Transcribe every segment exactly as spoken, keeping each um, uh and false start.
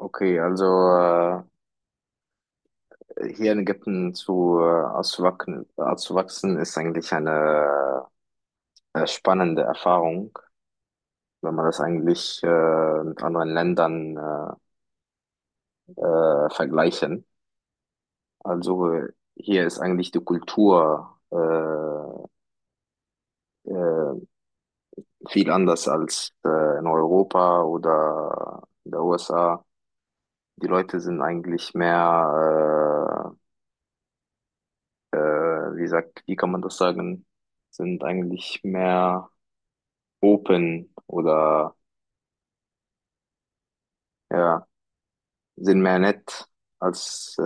Okay, also äh, hier in Ägypten zu äh, auszuwachsen, auszuwachsen ist eigentlich eine äh, spannende Erfahrung, wenn man das eigentlich äh, mit anderen Ländern äh, äh, vergleichen. Also äh, hier ist eigentlich die Kultur äh, äh, viel anders als äh, in Europa oder in der U S A. Die Leute sind eigentlich mehr, äh, äh, wie sagt, wie kann man das sagen? Sind eigentlich mehr Open oder ja, sind mehr nett als äh,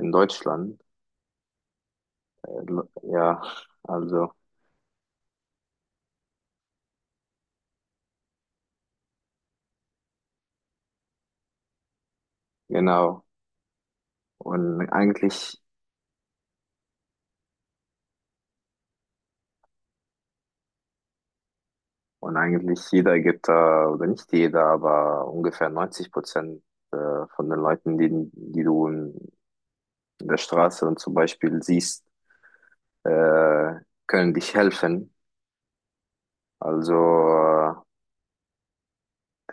in Deutschland. Ja, also genau. Und eigentlich, und eigentlich jeder gibt da, oder nicht jeder, aber ungefähr neunzig Prozent äh, von den Leuten, die, die du in der Straße und zum Beispiel siehst, äh, können dich helfen. Also äh,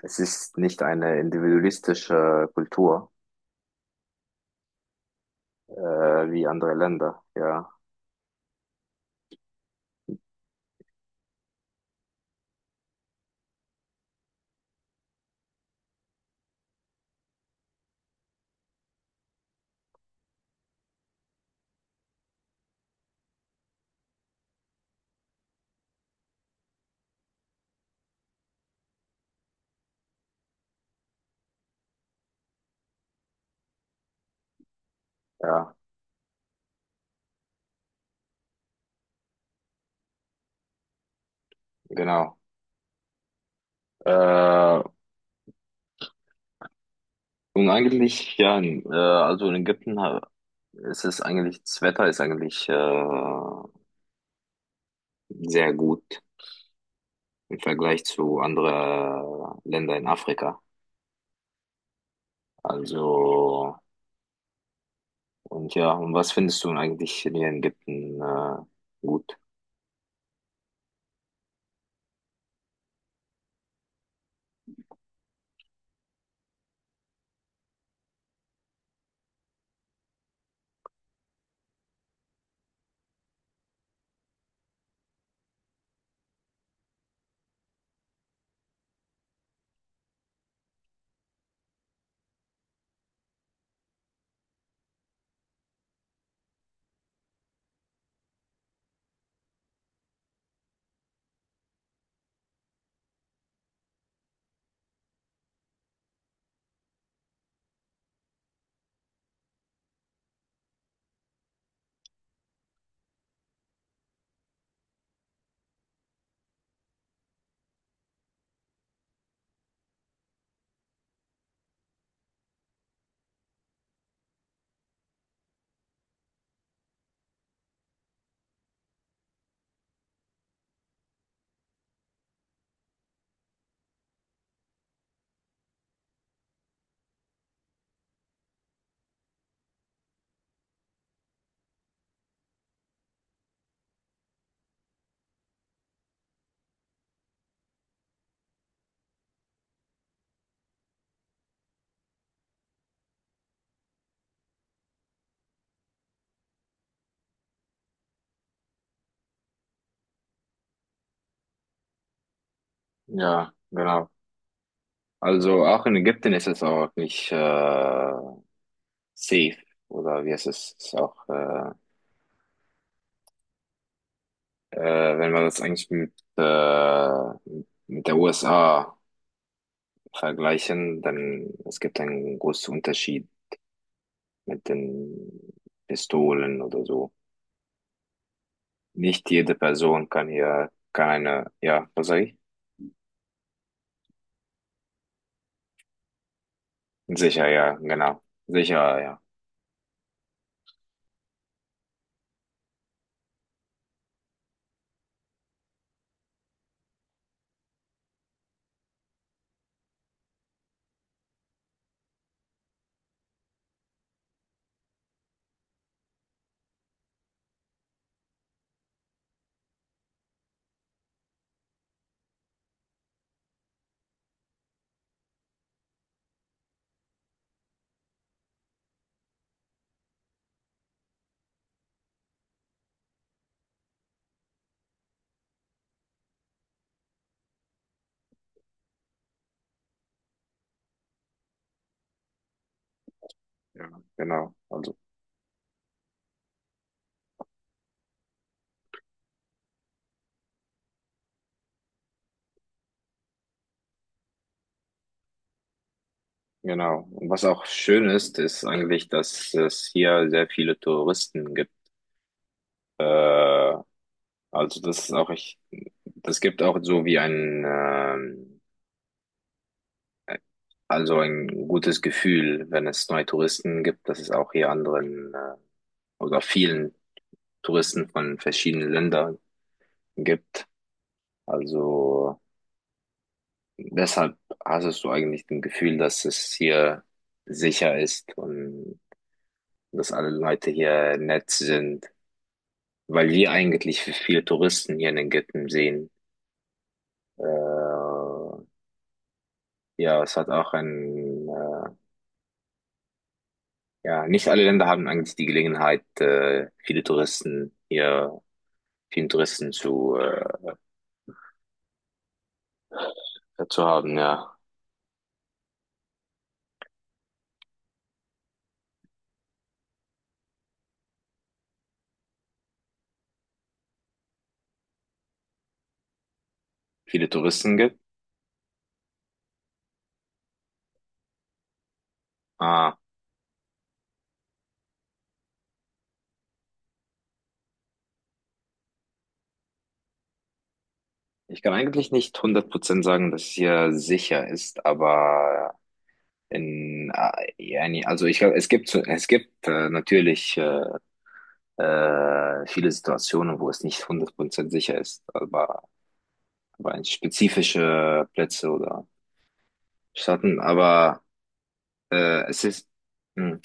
es ist nicht eine individualistische Kultur äh, wie andere Länder, ja. Ja, genau. Äh, und eigentlich, ja, äh, also in Ägypten ha- ist es eigentlich, das Wetter ist eigentlich äh, sehr gut im Vergleich zu anderen äh, Ländern in Afrika. Also, und ja, und was findest du denn eigentlich hier in Ägypten äh, gut? Ja, genau. Also auch in Ägypten ist es auch nicht äh, Safe oder wie heißt es? Ist auch, äh, äh, wenn wir das eigentlich mit, äh, mit der U S A vergleichen, dann es gibt einen großen Unterschied mit den Pistolen oder so. Nicht jede Person kann hier, kann eine, ja, was sag ich? Sicher, ja, genau. Sicher, ja. Ja, genau. Also, genau. Und was auch schön ist, ist eigentlich, dass es hier sehr viele Touristen gibt. Äh, also das ist auch echt. Es gibt auch so wie ein, ähm, also ein gutes Gefühl, wenn es neue Touristen gibt, dass es auch hier anderen äh, oder vielen Touristen von verschiedenen Ländern gibt. Also deshalb hast du eigentlich das Gefühl, dass es hier sicher ist und dass alle Leute hier nett sind, weil wir eigentlich viele Touristen hier in den Ghetten sehen. Äh, ja, es hat auch ein äh, ja, nicht alle Länder haben eigentlich die Gelegenheit, äh, viele Touristen hier, vielen Touristen zu, äh, zu haben, ja. Viele Touristen gibt. Ah, ich kann eigentlich nicht hundert Prozent sagen, dass es hier sicher ist, aber in, äh, yani- also ich glaube, es gibt, so- es gibt äh, natürlich äh, äh, viele Situationen, wo es nicht hundert Prozent sicher ist, aber, aber in spezifische Plätze oder Staaten, aber äh, es ist, hm,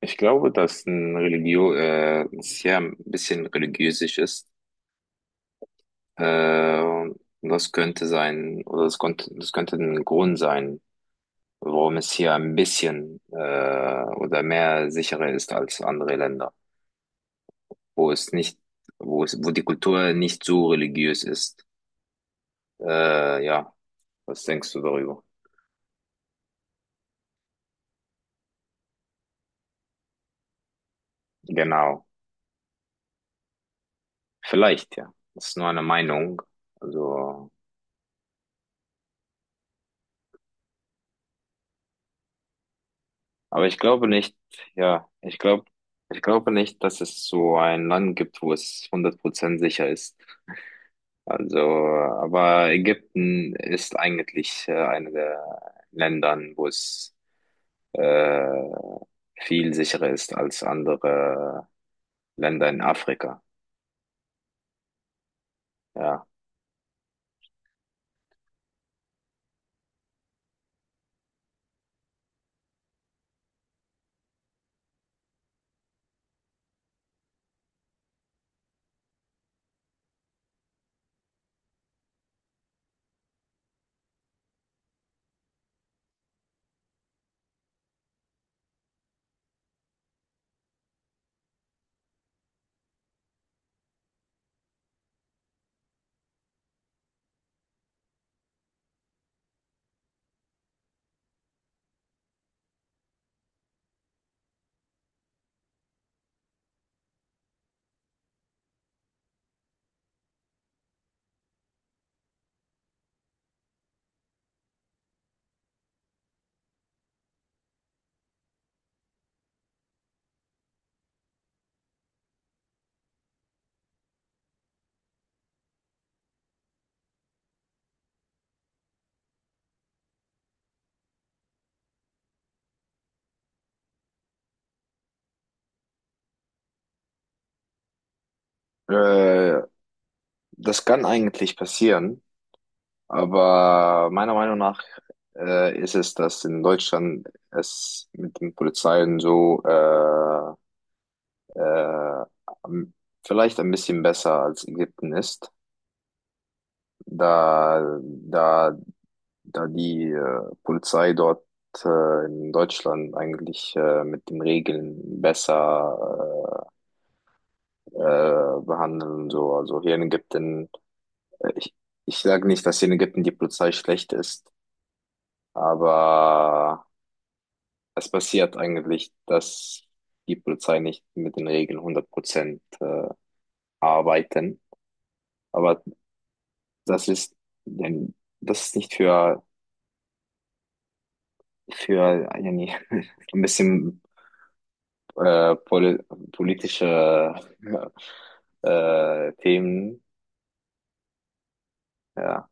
ich glaube, dass ein Religio, äh, es ja ein bisschen religiösisch ist. Äh, und das könnte sein, oder das könnte, das könnte ein Grund sein, warum es hier ein bisschen äh, oder mehr sicherer ist als andere Länder, wo es nicht, wo es, wo die Kultur nicht so religiös ist. Äh, ja, was denkst du darüber? Genau. Vielleicht, ja. Das ist nur eine Meinung. Also. Aber ich glaube nicht, ja, ich glaube, ich glaube nicht, dass es so ein Land gibt, wo es hundert Prozent sicher ist. Also, aber Ägypten ist eigentlich äh, eine der Ländern, wo es äh, viel sicherer ist als andere Länder in Afrika. Ja. Äh, das kann eigentlich passieren, aber meiner Meinung nach äh, ist es, dass in Deutschland es mit den Polizeien so äh, äh, am- vielleicht ein bisschen besser als Ägypten ist, da, da, da die äh, Polizei dort äh, in Deutschland eigentlich äh, mit den Regeln besser äh, äh, behandeln und so. Also hier in Ägypten, äh, ich, ich sage nicht, dass hier in Ägypten die Polizei schlecht ist, aber es passiert eigentlich, dass die Polizei nicht mit den Regeln hundert Prozent äh, arbeiten. Aber das ist, denn das ist nicht für, für yani, ein bisschen äh, pol politische äh, Themen. Ja,